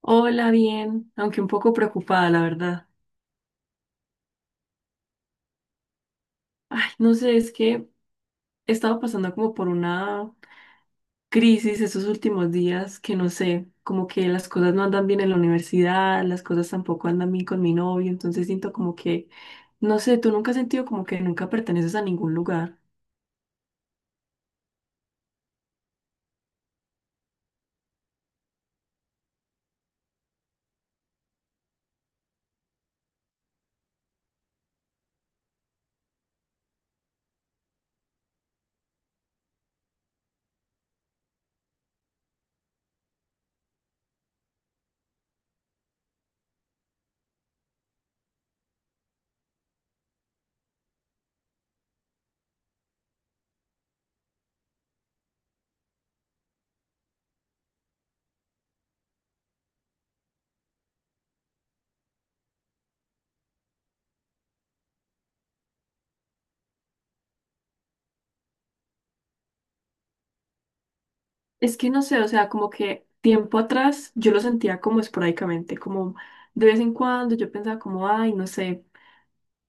Hola, bien, aunque un poco preocupada, la verdad. Ay, no sé, es que he estado pasando como por una crisis estos últimos días, que no sé, como que las cosas no andan bien en la universidad, las cosas tampoco andan bien con mi novio, entonces siento como que, no sé, tú nunca has sentido como que nunca perteneces a ningún lugar. Es que no sé, o sea, como que tiempo atrás yo lo sentía como esporádicamente, como de vez en cuando yo pensaba como, ay, no sé.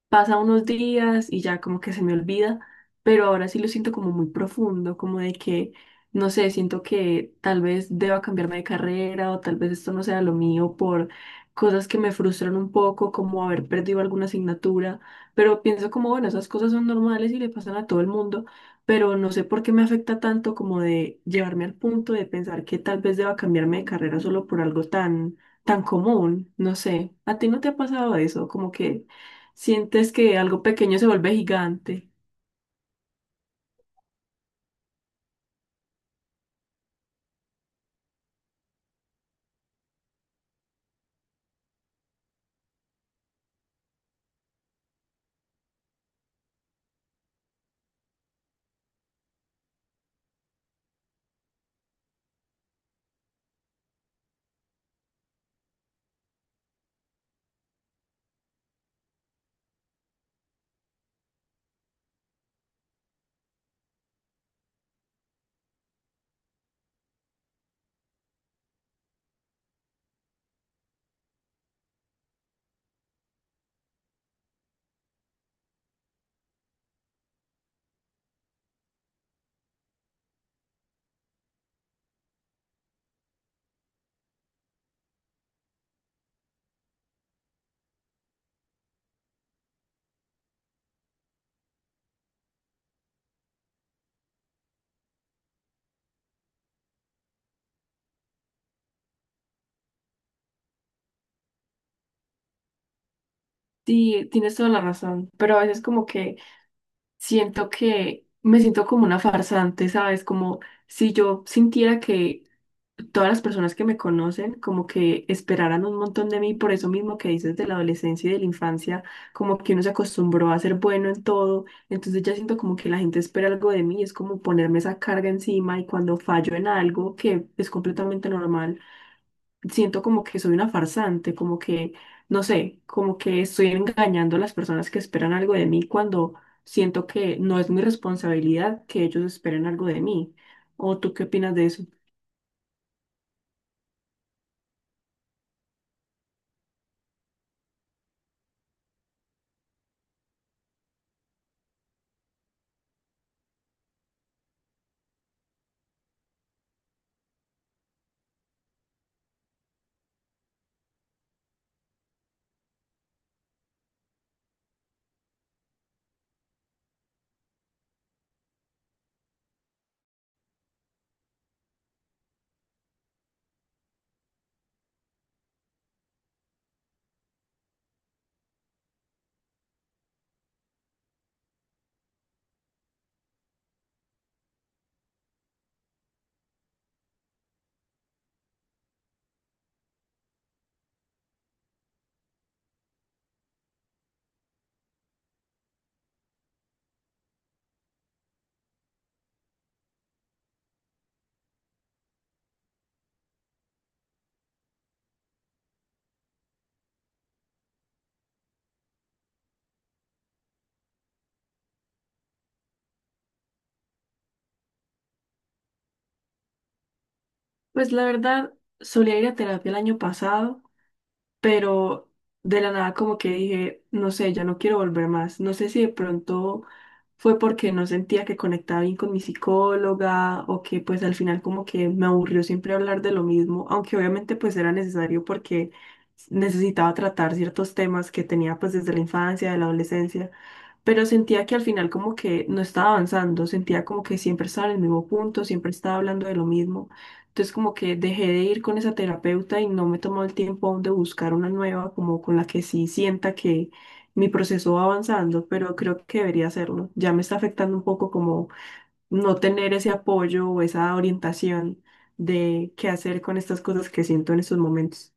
Pasa unos días y ya como que se me olvida, pero ahora sí lo siento como muy profundo, como de que, no sé, siento que tal vez deba cambiarme de carrera o tal vez esto no sea lo mío por cosas que me frustran un poco, como haber perdido alguna asignatura, pero pienso como, bueno, esas cosas son normales y le pasan a todo el mundo, pero no sé por qué me afecta tanto como de llevarme al punto de pensar que tal vez deba cambiarme de carrera solo por algo tan, tan común, no sé, ¿a ti no te ha pasado eso? Como que... Sientes que algo pequeño se vuelve gigante. Sí, tienes toda la razón, pero a veces como que siento que me siento como una farsante, ¿sabes? Como si yo sintiera que todas las personas que me conocen como que esperaran un montón de mí, por eso mismo que dices de la adolescencia y de la infancia, como que uno se acostumbró a ser bueno en todo, entonces ya siento como que la gente espera algo de mí, es como ponerme esa carga encima y cuando fallo en algo que es completamente normal, siento como que soy una farsante, como que, no sé, como que estoy engañando a las personas que esperan algo de mí cuando siento que no es mi responsabilidad que ellos esperen algo de mí. ¿O tú qué opinas de eso? Pues la verdad, solía ir a terapia el año pasado, pero de la nada como que dije, no sé, ya no quiero volver más. No sé si de pronto fue porque no sentía que conectaba bien con mi psicóloga o que pues al final como que me aburrió siempre hablar de lo mismo, aunque obviamente pues era necesario porque necesitaba tratar ciertos temas que tenía pues desde la infancia, de la adolescencia, pero sentía que al final como que no estaba avanzando, sentía como que siempre estaba en el mismo punto, siempre estaba hablando de lo mismo. Entonces como que dejé de ir con esa terapeuta y no me he tomado el tiempo aún de buscar una nueva, como con la que sí sienta que mi proceso va avanzando, pero creo que debería hacerlo. Ya me está afectando un poco como no tener ese apoyo o esa orientación de qué hacer con estas cosas que siento en estos momentos.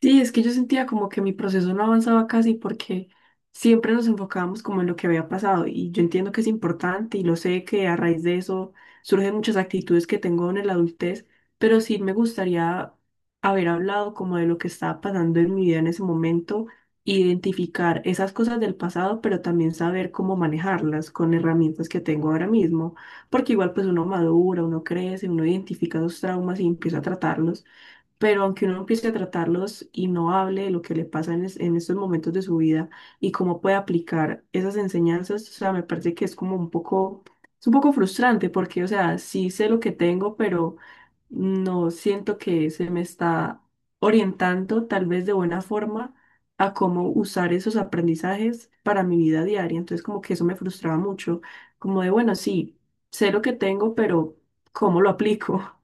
Sí, es que yo sentía como que mi proceso no avanzaba casi porque siempre nos enfocábamos como en lo que había pasado y yo entiendo que es importante y lo sé que a raíz de eso surgen muchas actitudes que tengo en la adultez, pero sí me gustaría haber hablado como de lo que estaba pasando en mi vida en ese momento, identificar esas cosas del pasado, pero también saber cómo manejarlas con herramientas que tengo ahora mismo, porque igual pues uno madura, uno crece, uno identifica los traumas y empieza a tratarlos. Pero aunque uno empiece a tratarlos y no hable de lo que le pasa en estos momentos de su vida y cómo puede aplicar esas enseñanzas, o sea, me parece que es como un poco, es un poco frustrante porque, o sea, sí sé lo que tengo, pero no siento que se me está orientando tal vez de buena forma a cómo usar esos aprendizajes para mi vida diaria. Entonces, como que eso me frustraba mucho, como de, bueno, sí, sé lo que tengo, pero ¿cómo lo aplico?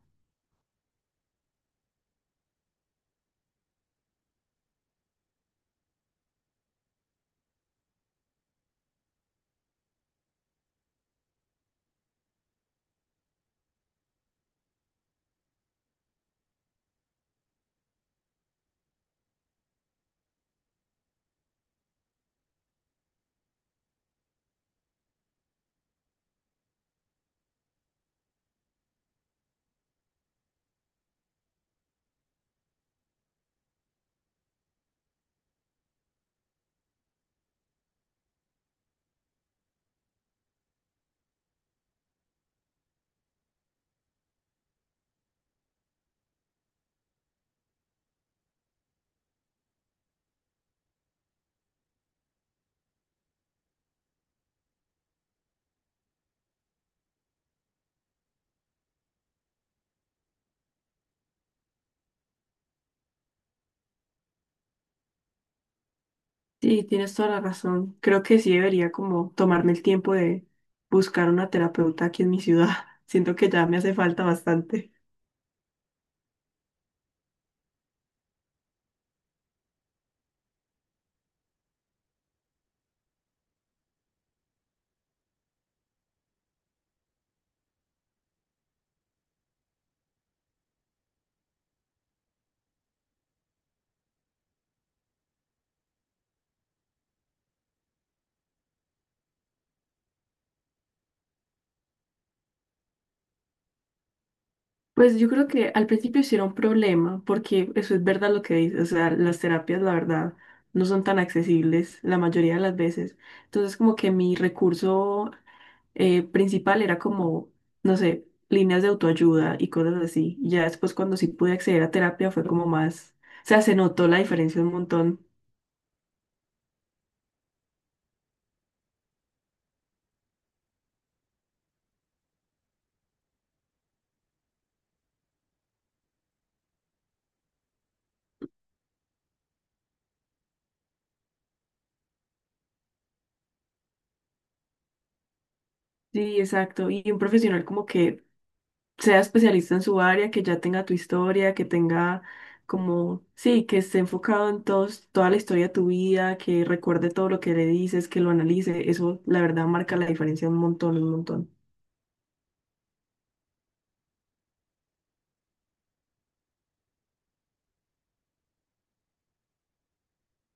Sí, tienes toda la razón. Creo que sí debería como tomarme el tiempo de buscar una terapeuta aquí en mi ciudad. Siento que ya me hace falta bastante. Pues yo creo que al principio sí era un problema, porque eso es verdad lo que dices. O sea, las terapias, la verdad, no son tan accesibles la mayoría de las veces. Entonces, como que mi recurso principal era como, no sé, líneas de autoayuda y cosas así. Y ya después, cuando sí pude acceder a terapia, fue como más, o sea, se notó la diferencia un montón. Sí, exacto. Y un profesional como que sea especialista en su área, que ya tenga tu historia, que tenga como, sí, que esté enfocado en toda la historia de tu vida, que recuerde todo lo que le dices, que lo analice. Eso, la verdad, marca la diferencia un montón, un montón.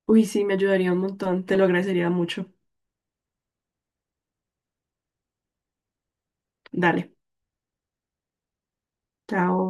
Uy, sí, me ayudaría un montón. Te lo agradecería mucho. Dale. Chao.